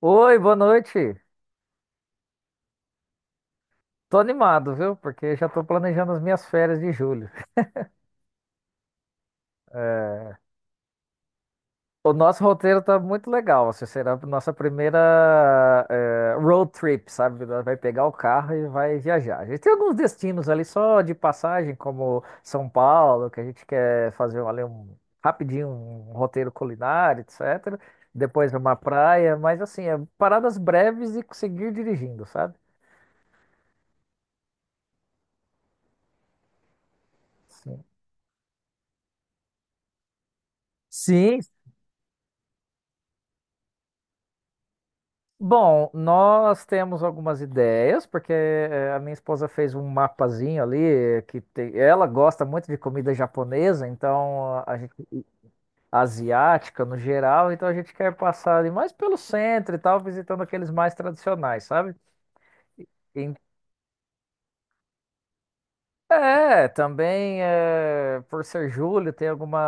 Oi, boa noite. Tô animado, viu? Porque já tô planejando as minhas férias de julho. É. O nosso roteiro tá muito legal. Assim, será a nossa primeira road trip, sabe? Nós vai pegar o carro e vai viajar. A gente tem alguns destinos ali só de passagem, como São Paulo, que a gente quer fazer ali um rapidinho um roteiro culinário, etc. Depois uma praia, mas assim, é paradas breves e seguir dirigindo, sabe? Sim. Sim. Bom, nós temos algumas ideias, porque a minha esposa fez um mapazinho ali, ela gosta muito de comida japonesa, então a gente, asiática no geral, então a gente quer passar ali mais pelo centro e tal, visitando aqueles mais tradicionais, sabe? É, também é, por ser julho, tem alguma,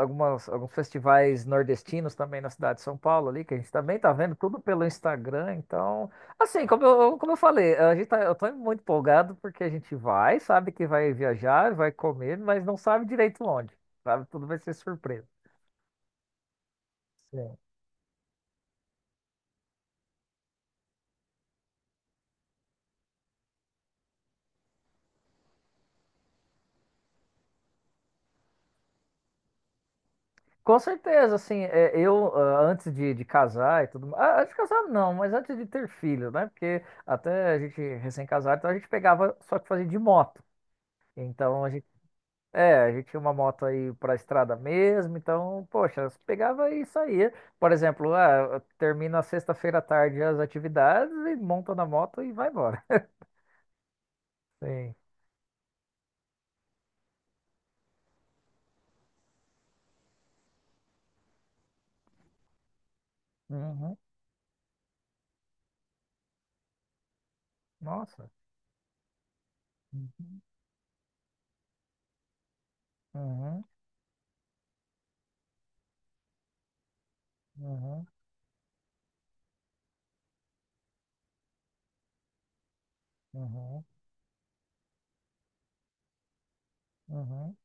algumas, alguns festivais nordestinos também na cidade de São Paulo ali, que a gente também tá vendo tudo pelo Instagram, então, assim, como eu falei, eu tô muito empolgado porque a gente vai, sabe que vai viajar, vai comer, mas não sabe direito onde, sabe? Tudo vai ser surpresa. Com certeza. Assim, é, eu antes de casar e tudo mais, antes de casar não, mas antes de ter filho, né? Porque até a gente recém-casado, então a gente pegava, só que fazia de moto. Então a gente tinha uma moto aí pra estrada mesmo, então, poxa, você pegava e saía. Por exemplo, termina sexta-feira à tarde as atividades e monta na moto e vai embora. Sim. Uhum. Nossa. Uhum. Uhum. Uhum. Uhum. Uhum.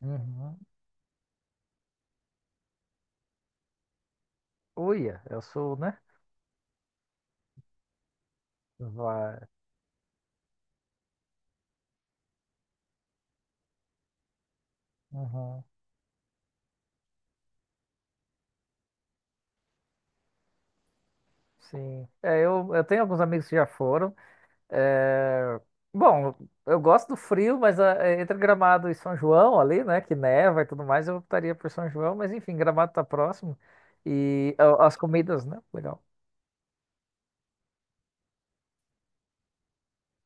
Uhum. Uia, eu sou, né? Vai. Uhum. Sim. É, eu tenho alguns amigos que já foram. É. Bom, eu gosto do frio, mas é, entre Gramado e São João ali, né? Que neva e tudo mais, eu optaria por São João, mas enfim, Gramado tá próximo. E as comidas, né? Legal.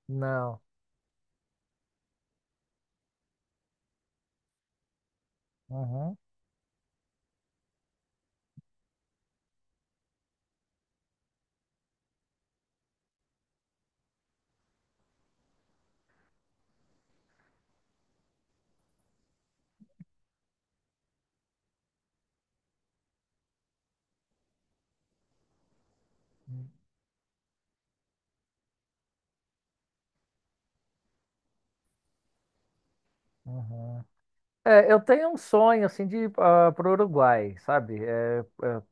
Não. Uhum. Uhum. É, eu tenho um sonho assim de ir para o Uruguai, sabe? É,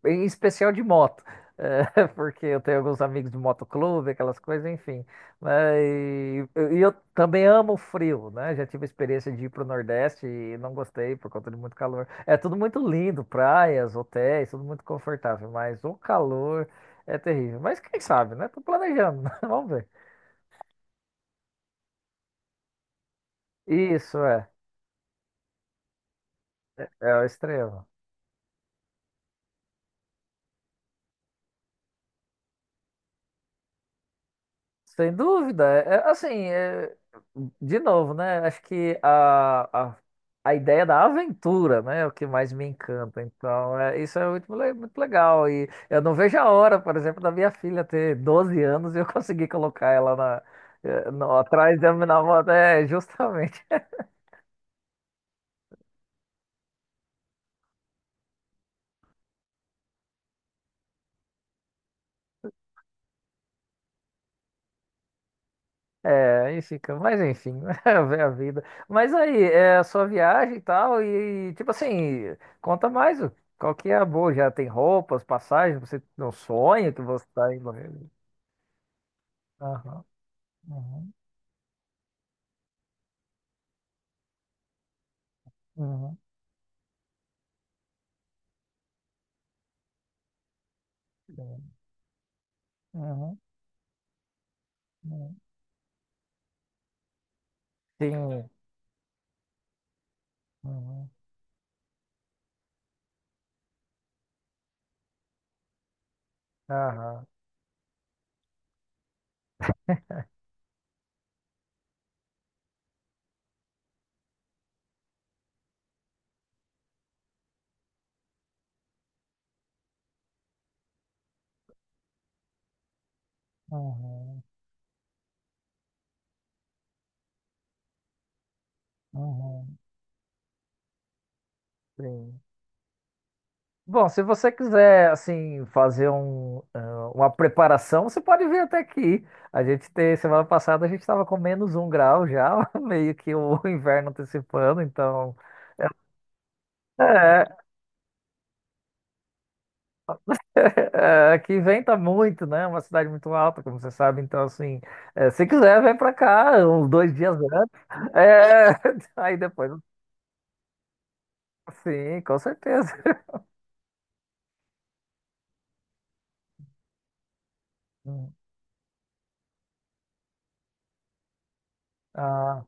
é, Em especial de moto. É, porque eu tenho alguns amigos de motoclube, aquelas coisas, enfim. Mas, e eu também amo o frio, né? Já tive a experiência de ir para o Nordeste e não gostei por conta de muito calor. É tudo muito lindo, praias, hotéis, tudo muito confortável, mas o calor é terrível. Mas quem sabe, né? Tô planejando, vamos ver. Isso é, é o extremo. Sem dúvida. É, é, assim, é, de novo, né? Acho que a ideia da aventura, né, é o que mais me encanta. Então, isso é muito, muito legal. E eu não vejo a hora, por exemplo, da minha filha ter 12 anos e eu conseguir colocar ela na, eh, no- atrás da minha moto. É, justamente. É, aí fica, mas enfim, é a vida. Mas aí, é a sua viagem e tal, e tipo assim, conta mais qual que é a boa, já tem roupas, passagens, você tem um sonho que você tá indo. Aham, uhum, uhum, sim, uhum, uhum, sim, uhum, aham, uhum, uhum, sim. Bom, se você quiser, assim, fazer um, uma preparação, você pode vir até aqui. A gente tem, semana passada a gente estava com -1 grau já, meio que o inverno antecipando, então. É, aqui venta muito, né? É uma cidade muito alta, como você sabe. Então, assim, se quiser, vem pra cá uns 2 dias antes. É, aí depois, sim, com certeza. Hum, ah,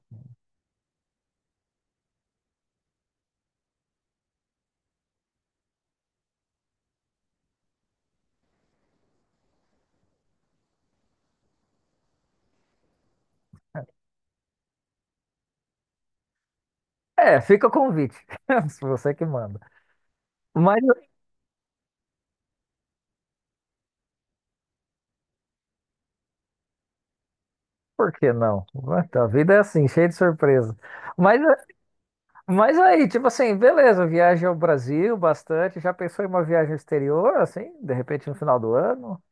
fica o convite, se você que manda. Mas Por que não? Então, a vida é assim, cheia de surpresa. Mas, aí, tipo assim, beleza, viagem ao Brasil bastante. Já pensou em uma viagem ao exterior, assim, de repente no final do ano?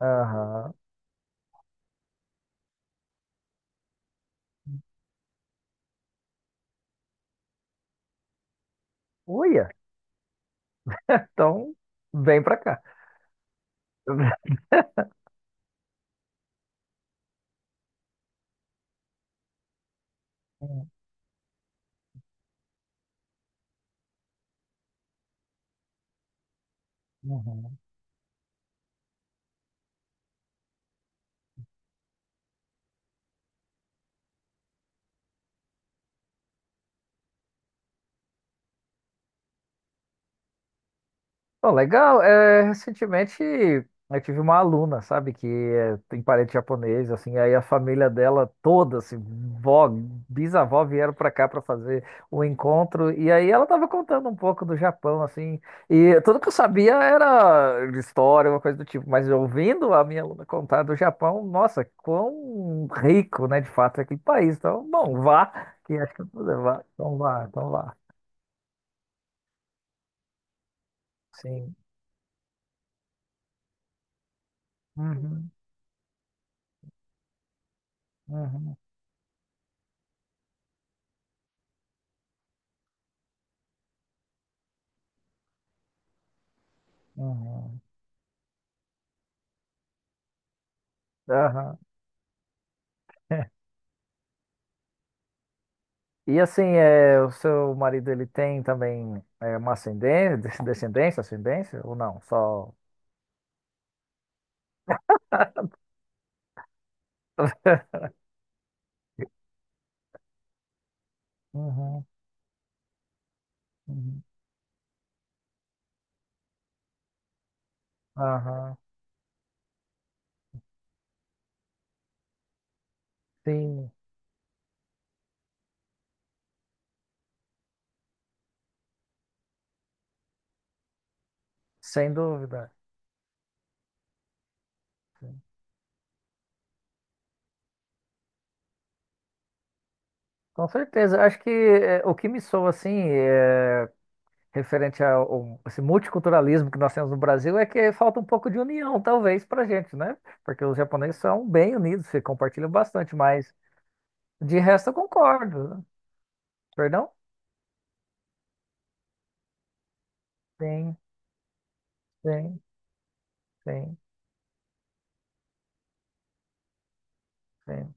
Aham. Uia, então vem pra cá. Uhum. Oh, legal. É, recentemente eu tive uma aluna, sabe, que é, tem parente japonês, assim, aí a família dela toda, assim, vó, bisavó vieram pra cá pra fazer o encontro, e aí ela tava contando um pouco do Japão, assim, e tudo que eu sabia era história, uma coisa do tipo, mas ouvindo a minha aluna contar do Japão, nossa, quão rico, né, de fato, é aquele país. Então, bom, vá, que acho que eu vou levar. Então vá, então vá. Sim. Uhum, uhum, uhum. Aham. E assim, é, o seu marido ele tem também é, uma ascendência, descendência, ascendência ou não? Só. Uhum, uhum. Aham, sim, sem dúvida. Com certeza. Acho que é, o que me soa assim, é, referente a esse multiculturalismo que nós temos no Brasil, é que falta um pouco de união, talvez, pra gente, né? Porque os japoneses são bem unidos, se compartilham bastante, mas de resto eu concordo. Perdão? Sim, sim, sim, sim.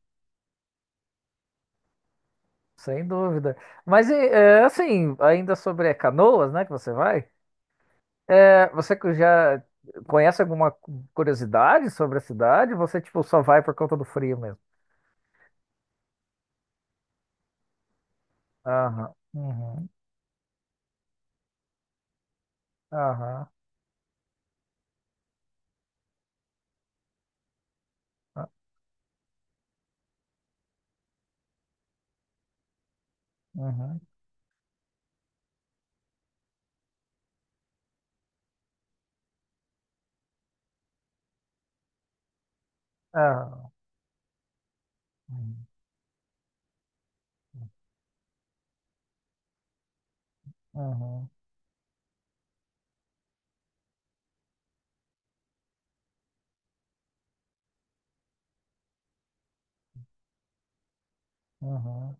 Sem dúvida. Mas e, é, assim, ainda sobre Canoas, né, que você vai, é, você que já conhece alguma curiosidade sobre a cidade? Você, tipo, só vai por conta do frio mesmo? Aham, uhum, aham, ah, uhum, aham, uhum, uhum, uhum.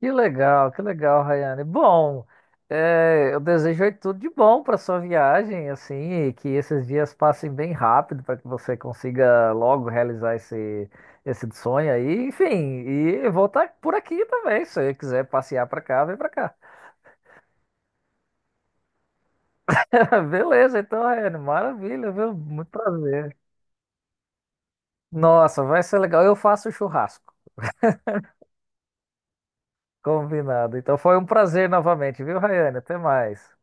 Que legal, Rayane. Bom, é, eu desejo aí tudo de bom para sua viagem, assim, e que esses dias passem bem rápido para que você consiga logo realizar esse, esse sonho aí. Enfim, e vou estar por aqui também. Se você quiser passear para cá, vem para cá. Beleza, então, Rayane, maravilha, viu? Muito prazer. Nossa, vai ser legal. Eu faço churrasco. Combinado. Então foi um prazer novamente, viu, Rayane? Até mais.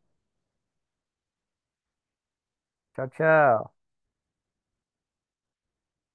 Tchau, tchau.